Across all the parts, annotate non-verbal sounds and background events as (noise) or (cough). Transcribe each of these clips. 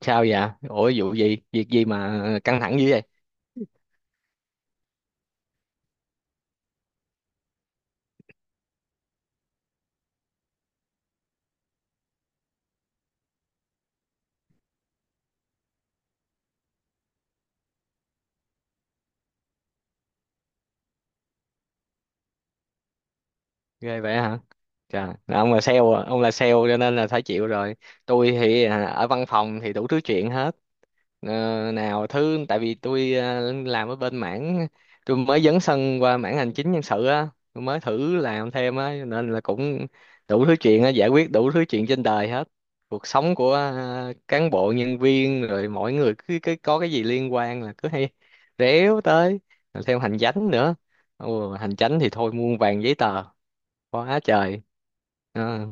Sao vậy? Ủa, vụ gì việc gì mà căng thẳng dữ vậy? Ghê vậy hả? Trời, là ông là sale à? Ông là sale cho nên là phải chịu rồi. Tôi thì ở văn phòng thì đủ thứ chuyện hết. Ờ, nào thứ, tại vì tôi làm ở bên mảng, tôi mới dấn sân qua mảng hành chính nhân sự á. Tôi mới thử làm thêm á, nên là cũng đủ thứ chuyện á, giải quyết đủ thứ chuyện trên đời hết. Cuộc sống của cán bộ nhân viên, rồi mỗi người cứ có cái gì liên quan là cứ hay réo tới. Rồi thêm hành chánh nữa. Ồ, hành chánh thì thôi muôn vàn giấy tờ, quá trời. Ờ.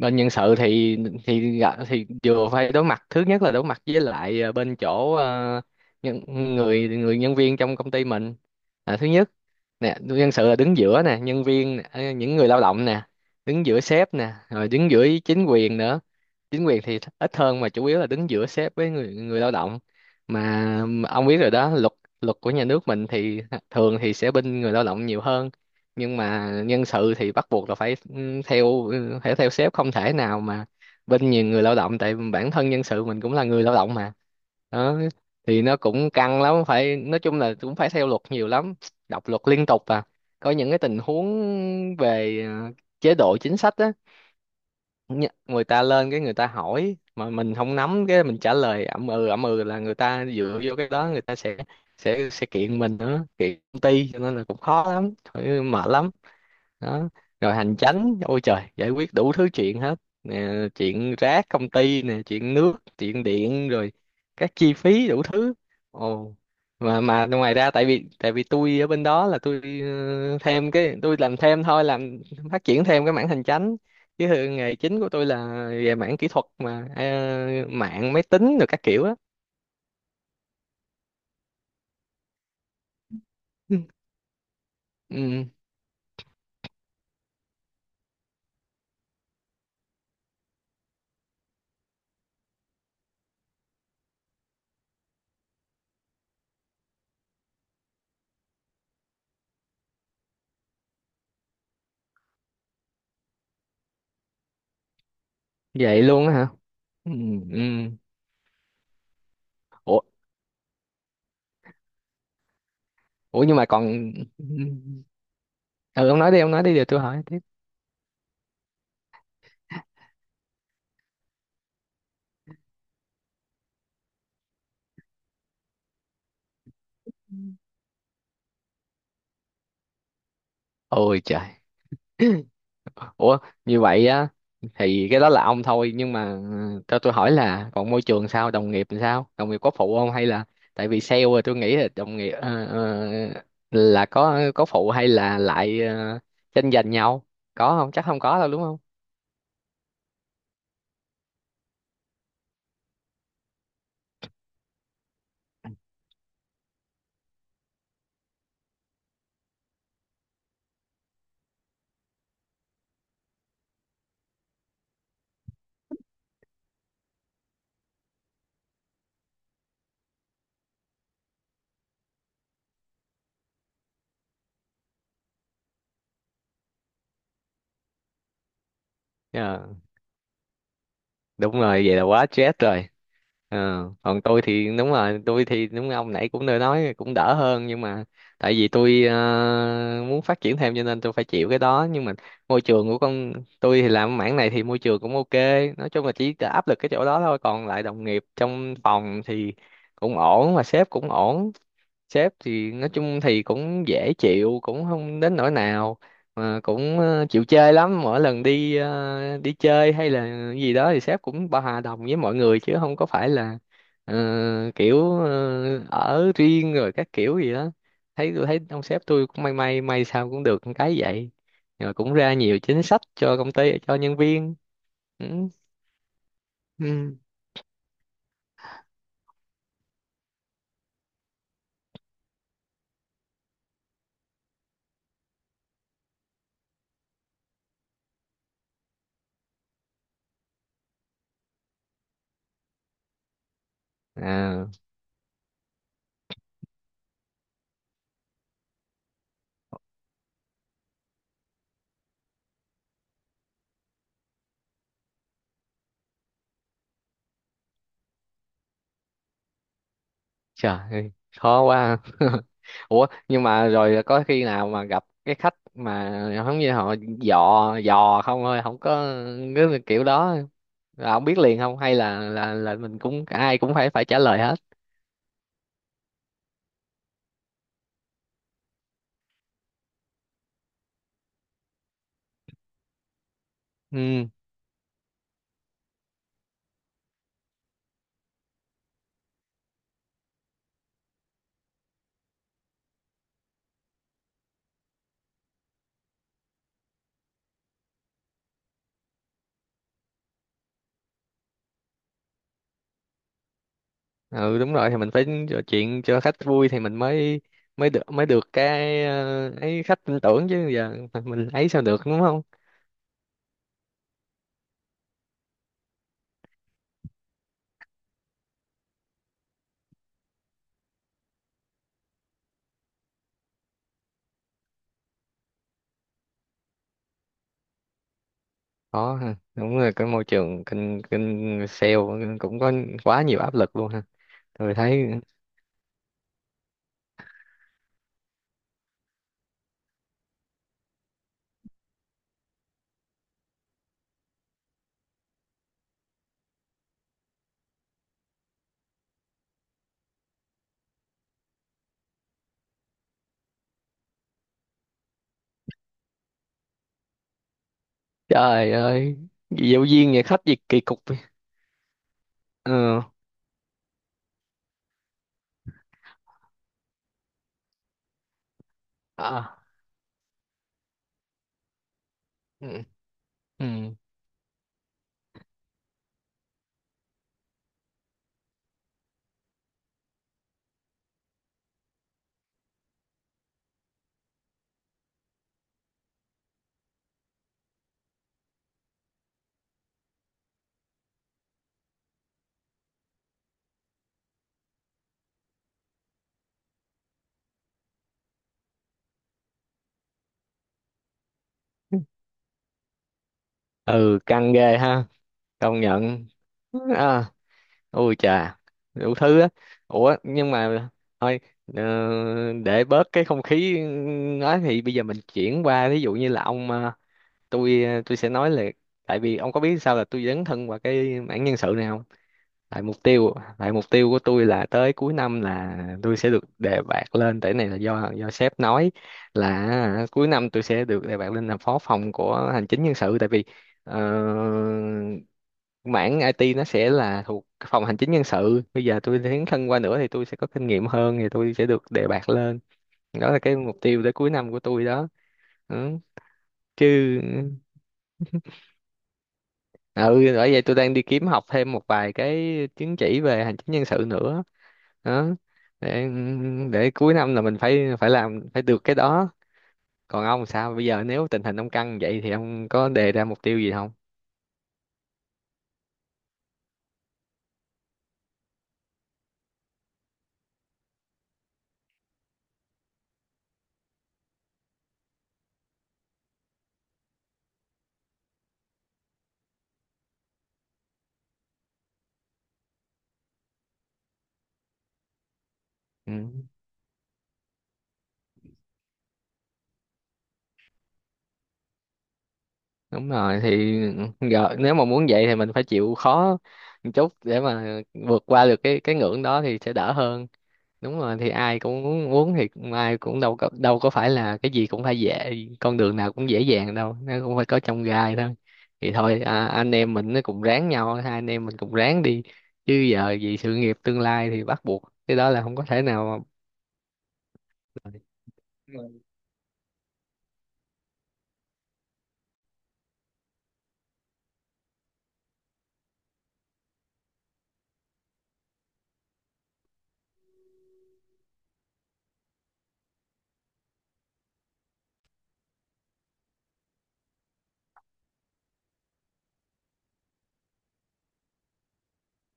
Bên nhân sự thì thì vừa phải đối mặt, thứ nhất là đối mặt với lại bên chỗ nhân, người người nhân viên trong công ty mình, là thứ nhất. Nè, nhân sự là đứng giữa nè, nhân viên nè, những người lao động nè, đứng giữa sếp nè, rồi đứng giữa chính quyền nữa. Chính quyền thì ít hơn, mà chủ yếu là đứng giữa sếp với người người lao động. Mà ông biết rồi đó, luật luật của nhà nước mình thì thường thì sẽ bên người lao động nhiều hơn. Nhưng mà nhân sự thì bắt buộc là phải theo sếp, không thể nào mà bên nhiều người lao động, tại bản thân nhân sự mình cũng là người lao động mà. Đó, thì nó cũng căng lắm, phải nói chung là cũng phải theo luật nhiều lắm, đọc luật liên tục à. Có những cái tình huống về chế độ chính sách á. Nhá, người ta lên cái người ta hỏi mà mình không nắm, cái mình trả lời ậm ừ là người ta dựa vô cái đó, người ta sẽ kiện mình nữa, kiện công ty, cho nên là cũng khó lắm, thôi mệt lắm. Đó, rồi hành chánh ôi trời, giải quyết đủ thứ chuyện hết. Nè, chuyện rác công ty nè, chuyện nước chuyện điện, rồi các chi phí đủ thứ. Ồ, mà ngoài ra tại vì tôi ở bên đó là tôi thêm cái, tôi làm thêm thôi, làm phát triển thêm cái mảng hành chánh, chứ thường nghề chính của tôi là về mảng kỹ thuật mà, mạng máy tính rồi các kiểu á. (laughs) Ừ, ừ, vậy luôn á hả? Ừ, ừ. Ủa, ủa, nhưng mà còn, ừ, ừ. Ừ, ông nói đi, ông nói đi, để tôi hỏi. Ôi trời. (laughs) Ủa, như vậy á? Thì cái đó là ông thôi, nhưng mà cho tôi hỏi là còn môi trường sao, đồng nghiệp làm sao, đồng nghiệp có phụ không hay là tại vì sale rồi tôi nghĩ là đồng nghiệp là có phụ hay là lại tranh giành nhau? Có không? Chắc không có đâu, đúng không? Ờ, đúng rồi, vậy là quá stress rồi. Ờ, Còn tôi thì đúng rồi, tôi thì đúng như ông nãy cũng đã nói, cũng đỡ hơn. Nhưng mà tại vì tôi muốn phát triển thêm cho nên tôi phải chịu cái đó. Nhưng mà môi trường của con tôi thì làm mảng này thì môi trường cũng ok, nói chung là chỉ áp lực cái chỗ đó thôi, còn lại đồng nghiệp trong phòng thì cũng ổn, mà sếp cũng ổn. Sếp thì nói chung thì cũng dễ chịu, cũng không đến nỗi nào, mà cũng chịu chơi lắm, mỗi lần đi đi chơi hay là gì đó thì sếp cũng bao, hòa đồng với mọi người, chứ không có phải là ờ, kiểu ở riêng rồi các kiểu gì đó. Thấy, tôi thấy ông sếp tôi cũng may sao cũng được cái vậy. Rồi cũng ra nhiều chính sách cho công ty cho nhân viên. Ừ. Ừ. À. Trời ơi, khó quá. (laughs) Ủa, nhưng mà rồi có khi nào mà gặp cái khách mà giống như họ dò dò không thôi, không có cái kiểu đó, là không biết liền không, hay là mình cũng, ai cũng phải phải trả lời hết. Ừ, ừ, đúng rồi, thì mình phải trò chuyện cho khách vui thì mình mới mới được cái ấy, khách tin tưởng, chứ giờ mình ấy sao được, đúng không? Có ha, đúng rồi, cái môi trường kinh kinh sale cũng có quá nhiều áp lực luôn ha. Tôi thấy. Trời ơi, giáo viên nhà khách gì kỳ cục vậy? Ờ, à, ừ, ừ, ừ, căng ghê ha, công nhận. À, ôi chà, đủ thứ á. Ủa, nhưng mà thôi, ờ, để bớt cái không khí nói thì bây giờ mình chuyển qua, ví dụ như là ông, tôi sẽ nói là, tại vì ông có biết sao là tôi dấn thân vào cái mảng nhân sự này không? Tại mục tiêu của tôi là tới cuối năm là tôi sẽ được đề bạt lên, tại cái này là do sếp nói là cuối năm tôi sẽ được đề bạt lên làm phó phòng của hành chính nhân sự, tại vì ờ, mảng IT nó sẽ là thuộc phòng hành chính nhân sự, bây giờ tôi tiến thân qua nữa thì tôi sẽ có kinh nghiệm hơn thì tôi sẽ được đề bạt lên. Đó là cái mục tiêu tới cuối năm của tôi đó. Ừ. Chứ, ừ, ừ, bởi vậy tôi đang đi kiếm học thêm một vài cái chứng chỉ về hành chính nhân sự nữa. Đó, để để cuối năm là mình phải phải làm, phải được cái đó. Còn ông sao, bây giờ nếu tình hình ông căng vậy thì ông có đề ra mục tiêu gì không? Ừ. Đúng rồi, thì giờ nếu mà muốn vậy thì mình phải chịu khó một chút để mà vượt qua được cái ngưỡng đó thì sẽ đỡ hơn. Đúng rồi, thì ai cũng muốn, muốn thì ai cũng đâu có phải là cái gì cũng phải dễ, con đường nào cũng dễ dàng đâu, nó cũng phải có trong gai thôi. Thì thôi anh em mình nó cùng ráng nhau, hai anh em mình cùng ráng đi, chứ giờ vì sự nghiệp tương lai thì bắt buộc cái đó là không có thể nào mà-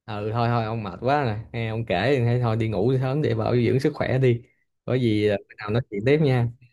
Ừ, thôi thôi, ông mệt quá rồi, nghe ông kể thì thấy thôi đi ngủ sớm để bảo dưỡng sức khỏe đi. Có gì bữa nào nói chuyện tiếp nha.